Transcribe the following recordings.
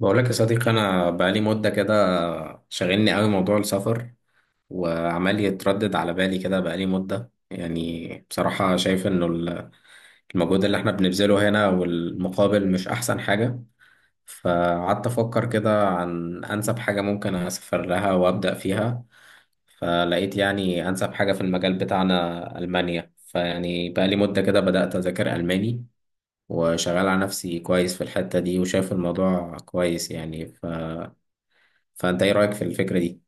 بقول لك يا صديقي، انا بقالي مده كده شاغلني قوي موضوع السفر. وعمال يتردد على بالي كده بقالي مده يعني بصراحه شايف انه المجهود اللي احنا بنبذله هنا والمقابل مش احسن حاجه. فقعدت افكر كده عن انسب حاجه ممكن اسافر لها وابدا فيها. فلقيت يعني انسب حاجه في المجال بتاعنا المانيا، فيعني بقالي مده كده بدات اذاكر الماني. وشغال على نفسي كويس في الحتة دي وشايف الموضوع كويس يعني. فانت ايه رايك في الفكره دي؟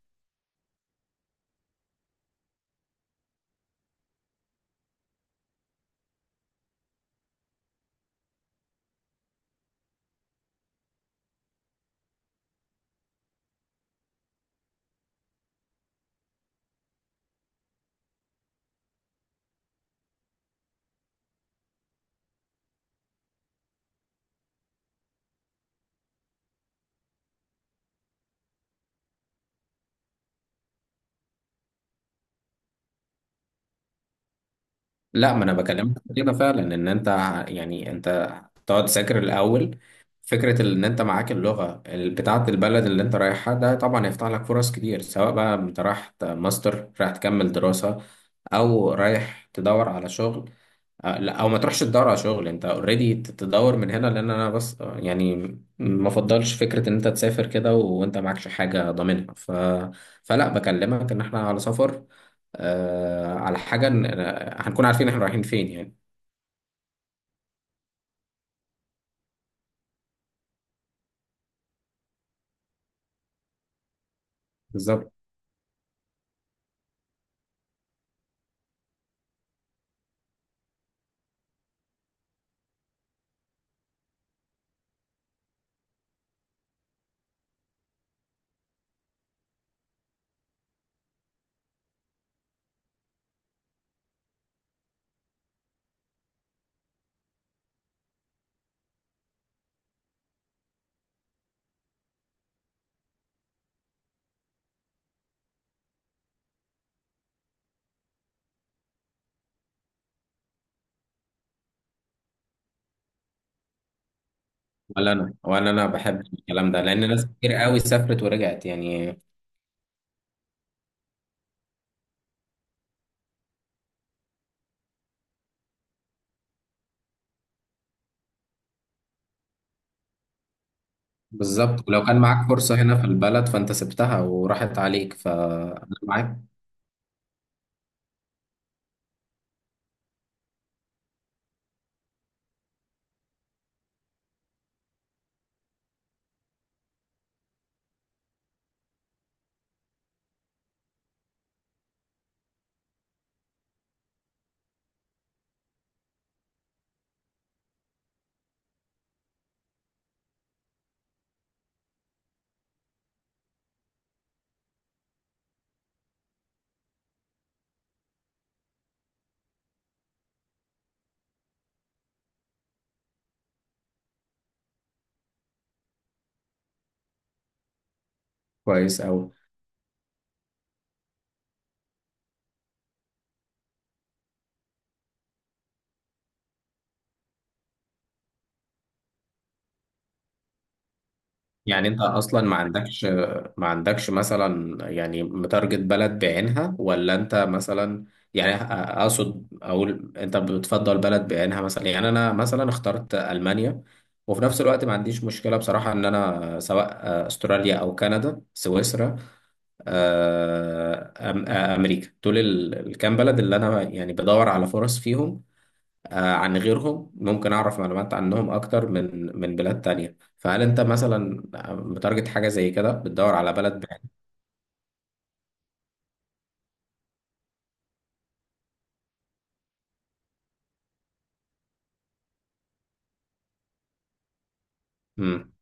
لا، ما انا بكلمك في كده فعلا ان انت، يعني انت تقعد تذاكر الاول. فكره ان انت معاك اللغه بتاعه البلد اللي انت رايحها ده طبعا هيفتح لك فرص كتير، سواء بقى انت رايح ماستر رايح تكمل دراسه او رايح تدور على شغل. لا او ما تروحش تدور على شغل، انت اوريدي تدور من هنا، لان انا بس يعني ما افضلش فكره ان انت تسافر كده وانت معكش حاجه ضامنها فلا بكلمك ان احنا على سفر، على حاجه، هنكون عارفين احنا رايحين فين يعني. بالظبط. ولا انا ولا انا بحب الكلام ده لان ناس كتير قوي سافرت ورجعت يعني. بالظبط، ولو كان معاك فرصه هنا في البلد فانت سبتها وراحت عليك، ف أنا معاك. كويس قوي. يعني انت اصلا ما عندكش مثلا يعني متارجت بلد بعينها ولا انت مثلا، يعني اقصد اقول انت بتفضل بلد بعينها مثلا، يعني انا مثلا اخترت المانيا. وفي نفس الوقت ما عنديش مشكلة بصراحة ان انا سواء استراليا او كندا سويسرا، امريكا دول الكام بلد اللي انا يعني بدور على فرص فيهم عن غيرهم، ممكن أعرف معلومات عنهم أكتر من بلاد تانية. فهل أنت مثلا بتارجت حاجة زي كده بتدور على بلد بعيد؟ امم.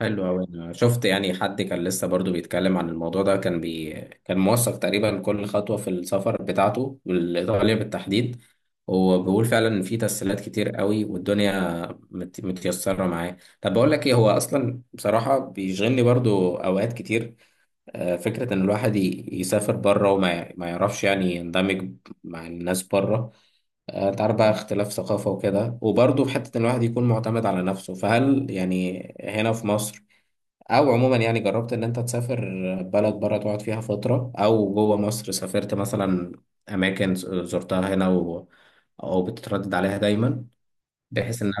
حلو أوي. أنا شفت يعني حد كان لسه برضو بيتكلم عن الموضوع ده كان كان موثق تقريبا كل خطوة في السفر بتاعته والإيطالية بالتحديد. وبيقول فعلا إن في تسهيلات كتير قوي والدنيا متيسرة معاه. طب بقول لك إيه، هو أصلا بصراحة بيشغلني برضو أوقات كتير فكرة إن الواحد يسافر بره وما ما يعرفش يعني يندمج مع الناس بره. أنت عارف بقى اختلاف ثقافة وكده، وبرضه في حتة إن الواحد يكون معتمد على نفسه. فهل يعني هنا في مصر أو عموما، يعني جربت إن أنت تسافر بلد بره تقعد فيها فترة، أو جوه مصر سافرت مثلا أماكن زرتها هنا أو بتتردد عليها دايما، بحيث إن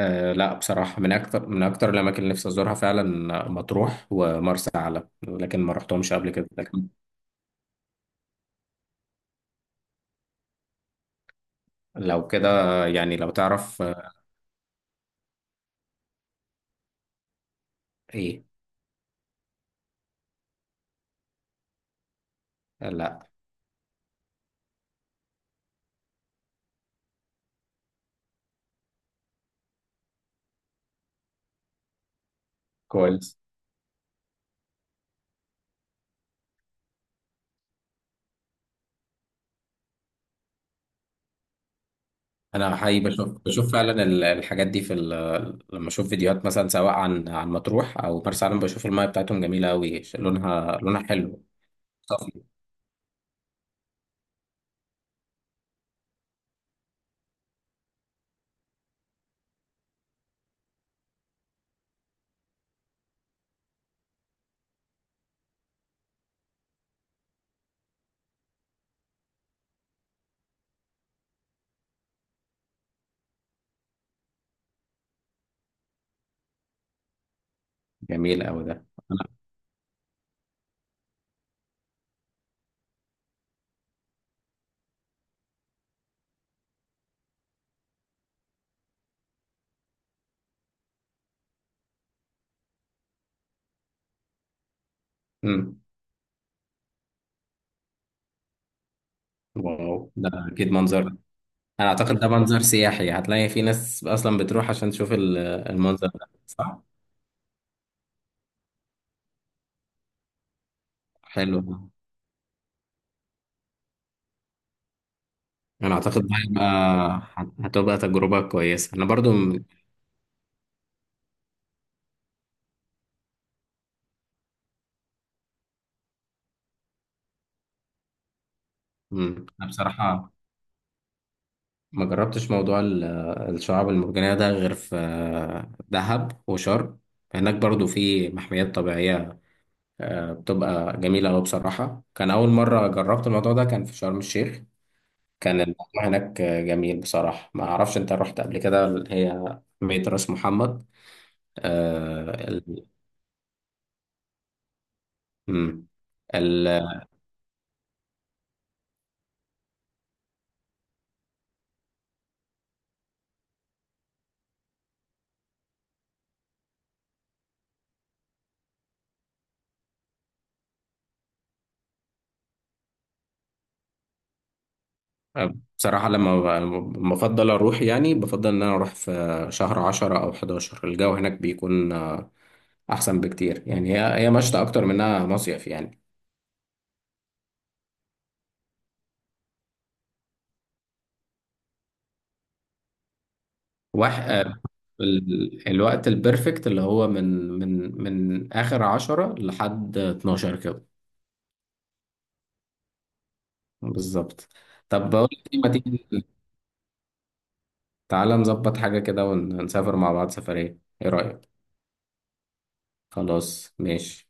آه، لا. بصراحة من أكتر الأماكن اللي نفسي أزورها فعلا مطروح ومرسى علم، لكن ما رحتهمش قبل كده لكن. لو كده، يعني لو تعرف إيه. آه، لا. كويس. أنا حقيقي بشوف فعلا الحاجات دي في لما أشوف فيديوهات مثلا سواء عن مطروح أو مرسى علم، بشوف المايه بتاعتهم جميلة أوي، لونها حلو. صافي. جميل أوي ده. أنا. مم. واو، ده أكيد منظر. أنا أعتقد ده منظر سياحي، هتلاقي في ناس أصلا بتروح عشان تشوف المنظر ده صح؟ حلو. انا اعتقد هتبقى تجربة كويسة، انا برضو انا بصراحة ما جربتش موضوع الشعاب المرجانية ده غير في دهب وشرم. هناك برضو في محميات طبيعية بتبقى جميلة أوي. بصراحة كان أول مرة جربت الموضوع ده كان في شرم الشيخ. كان الموضوع هناك جميل. بصراحة ما أعرفش أنت رحت قبل كده اللي هي محمية راس محمد آه، ال- م. بصراحة لما بفضل أروح، يعني بفضل إن أنا أروح في شهر 10 أو 11، الجو هناك بيكون أحسن بكتير، يعني هي مشتى أكتر منها مصيف يعني. وح... آه، الوقت البرفكت اللي هو من آخر 10 لحد 12 كده. بالظبط. طب بقول لك إيه، ما تيجي تعالى نظبط حاجة كده ونسافر مع بعض سفرية، إيه رأيك؟ خلاص ماشي.